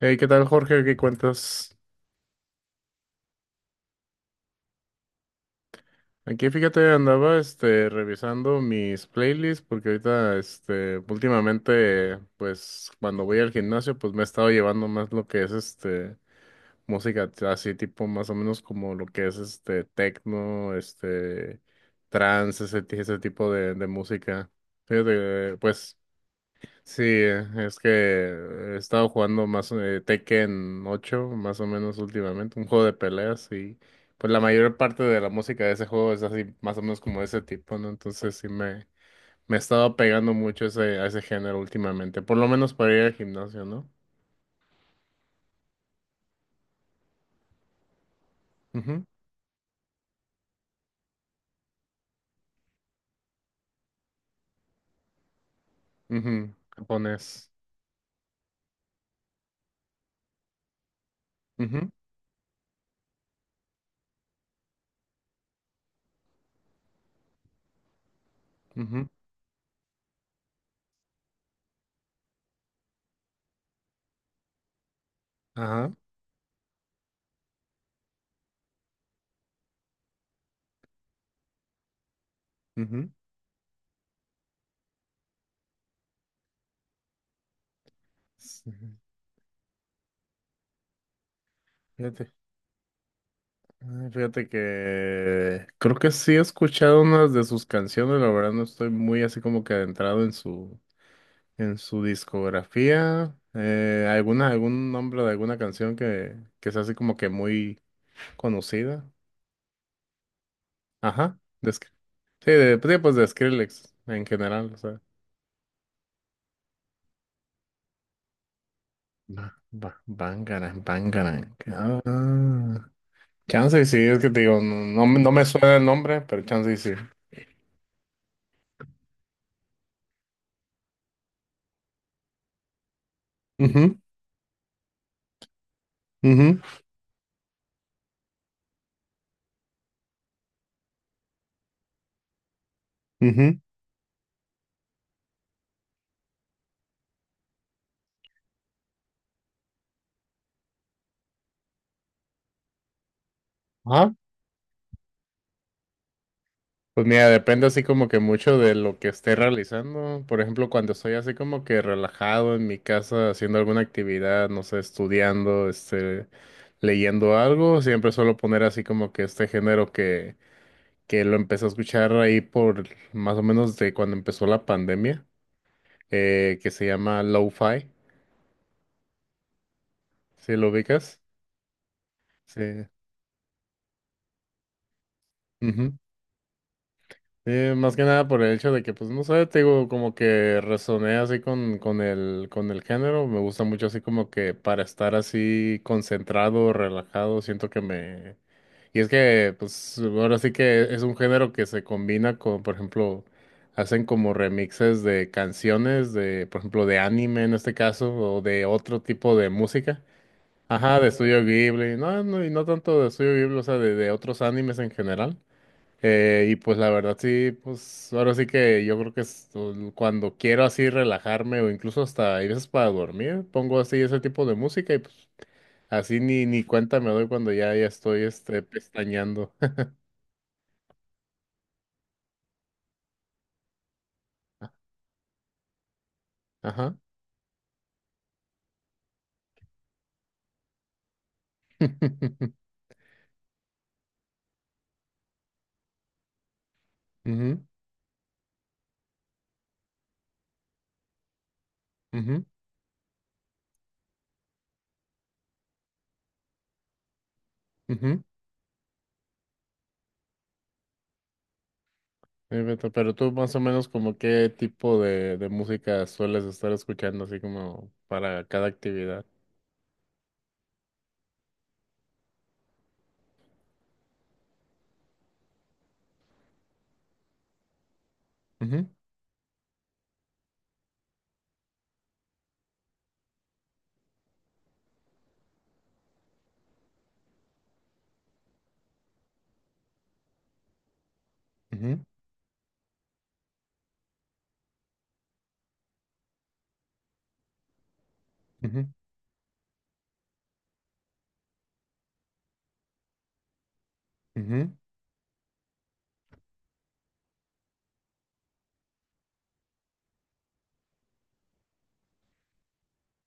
Hey, ¿qué tal, Jorge? ¿Qué cuentas? Aquí, fíjate, andaba, revisando mis playlists porque ahorita, últimamente, pues, cuando voy al gimnasio, pues, me he estado llevando más lo que es, música así, tipo, más o menos como lo que es, techno, trance, ese tipo de música. Fíjate, pues. Sí, es que he estado jugando más Tekken ocho, más o menos últimamente, un juego de peleas y pues la mayor parte de la música de ese juego es así, más o menos como de ese tipo, ¿no? Entonces sí me he estado pegando mucho a ese género últimamente, por lo menos para ir al gimnasio, ¿no? Ujú, ujú, japonés. Ujú, ujú, ajá. Ujú. Sí, fíjate. Ay, fíjate que creo que sí he escuchado unas de sus canciones, la verdad no estoy muy así como que adentrado en su discografía. Alguna algún nombre de alguna canción que sea así como que muy conocida. Ajá, sí, pues sí, pues de Skrillex en general, o sea. Bangarang, Bangarang. Ah, ah. Chance y sí, es que te digo, no, no me suena el nombre, pero chance y sí. Ujú, ujú, ujú. Ajá. Pues mira, depende así como que mucho de lo que esté realizando. Por ejemplo, cuando estoy así como que relajado en mi casa haciendo alguna actividad, no sé, estudiando, leyendo algo, siempre suelo poner así como que este género que lo empecé a escuchar ahí por más o menos de cuando empezó la pandemia, que se llama lo-fi, ¿sí lo ubicas? Sí. Ujú. Sí, más que nada por el hecho de que, pues, no sé, te digo, como que resoné así con el género. Me gusta mucho así como que para estar así concentrado, relajado, siento que me. Y es que, pues, ahora sí que es un género que se combina con, por ejemplo, hacen como remixes de canciones de, por ejemplo, de anime en este caso, o de otro tipo de música. Ajá, de, ujú, estudio Ghibli. No, no, y no tanto de estudio Ghibli, o sea, de otros animes en general. Y pues la verdad sí, pues ahora sí que yo creo que es cuando quiero así relajarme o incluso hasta hay veces para dormir, pongo así ese tipo de música y pues así ni cuenta me doy cuando ya estoy pestañeando. Ajá. Ujú, ujú, ujú. Beto, pero tú más o menos como qué tipo de música sueles estar escuchando así como para cada actividad. Ujú, ujú, ujú, ujú.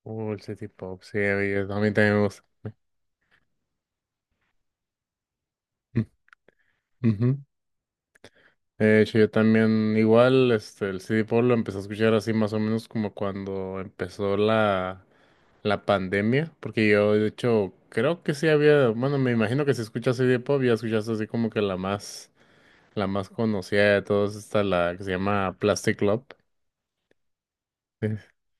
Oh, el city pop, sí, a mí también me gusta. Ujú. De hecho, yo también, igual, el CD Pop lo empecé a escuchar así más o menos como cuando empezó la pandemia, porque yo, de hecho, creo que sí había, bueno, me imagino que si escuchas CD Pop ya escuchaste así como que la más conocida de todas, está la que se llama Plastic Love. Sí,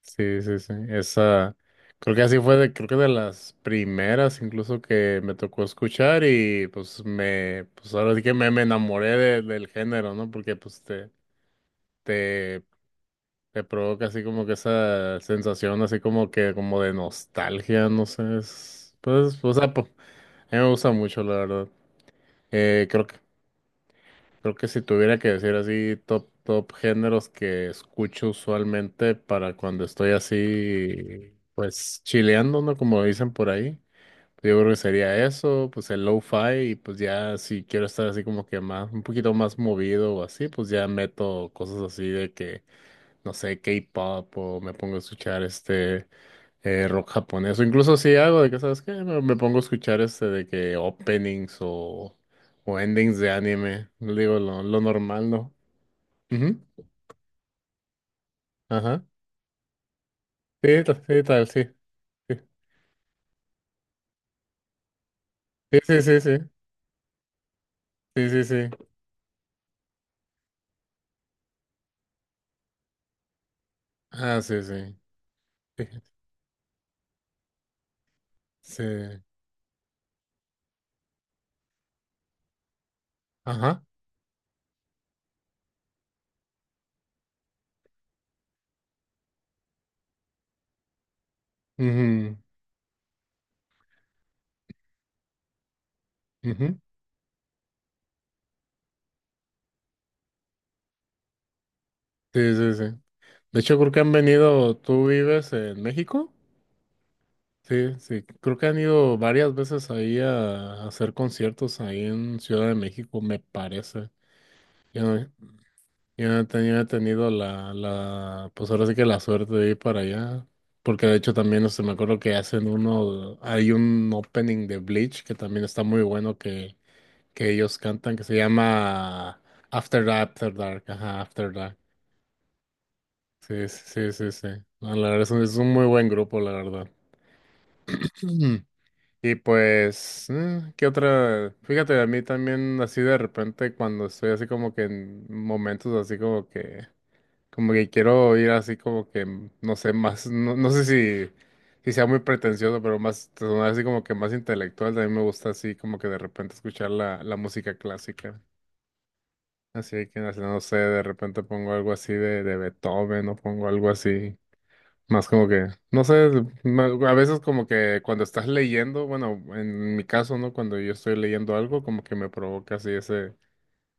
sí, sí, sí, esa, creo que así fue, creo que de las primeras incluso que me tocó escuchar y pues pues ahora sí que me enamoré del género, ¿no? Porque pues te, te provoca así como que esa sensación así como que como de nostalgia, no sé, pues, o sea, a mí me gusta mucho, la verdad. Eh, creo que, creo que si tuviera que decir así top, top géneros que escucho usualmente para cuando estoy así, pues chileando, ¿no? Como dicen por ahí. Yo creo que sería eso, pues el lo-fi, y pues ya si quiero estar así como que más, un poquito más movido o así, pues ya meto cosas así de que no sé, K-pop o me pongo a escuchar rock japonés o incluso si hago de que, ¿sabes qué? Me pongo a escuchar de que openings o endings de anime, digo lo normal, ¿no? Ujú, ajá. Sí, sí, tal, sí. Sí, sí, sí, sí. Sí, sí, sí, sí. Ah, sí, sí. Sí, sí. Ajá. Ujú, ujú. Sí, sí, sí. De hecho, creo que han venido, ¿tú vives en México? Sí, sí, creo que han ido varias veces ahí a hacer conciertos ahí en Ciudad de México, me parece. Yo no, yo no he tenido, pues ahora sí que la suerte de ir para allá, porque de hecho también, me acuerdo que hacen uno, hay un opening de Bleach que también está muy bueno que, ellos cantan, que se llama After Dark, After Dark, ajá, After Dark. Sí, sí, sí, sí, sí. No, la verdad es un muy buen grupo, la verdad. Y pues, ¿qué otra? Fíjate, a mí también así de repente cuando estoy así como que en momentos así como que quiero ir así como que, no sé, más, no, no sé si sea muy pretencioso, pero más, sonar así como que más intelectual, también me gusta así como que de repente escuchar la música clásica. Así que, no sé, de repente pongo algo así de Beethoven o pongo algo así. Más como que, no sé, a veces como que cuando estás leyendo, bueno, en mi caso, ¿no? Cuando yo estoy leyendo algo, como que me provoca así ese,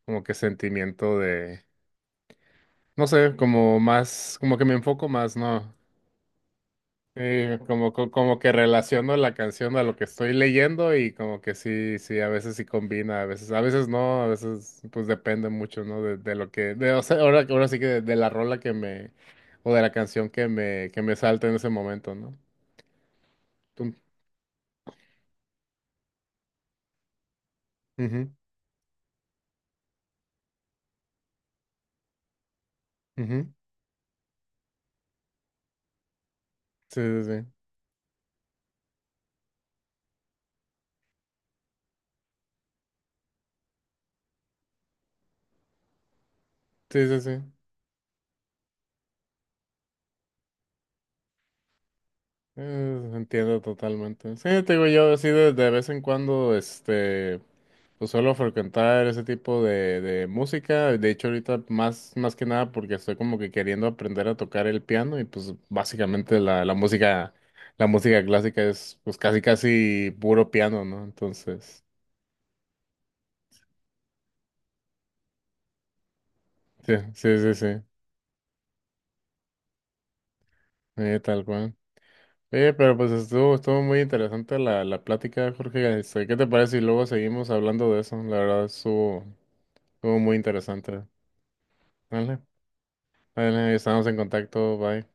como que sentimiento de, no sé, como más, como que me enfoco más, ¿no? Como que relaciono la canción a lo que estoy leyendo y como que sí, sí, a veces sí combina, a veces no, a veces pues depende mucho, ¿no? De lo que, o sea, ahora sí que de la rola o de la canción que me salta en ese momento, ¿no? Tú- ujú. Ujú, sí, sí, sí. Sí, sí, sí. Entiendo totalmente. Sí, te digo yo, así de vez en cuando, pues suelo frecuentar ese tipo de música. De hecho, ahorita más que nada porque estoy como que queriendo aprender a tocar el piano y pues básicamente la música clásica es pues casi casi puro piano, ¿no? Entonces, sí, sí, sí, sí. Tal cual. Oye, pero pues estuvo muy interesante la plática, Jorge. ¿Qué te parece? Si luego seguimos hablando de eso. La verdad, estuvo muy interesante. Vale, vale, estamos en contacto. Bye.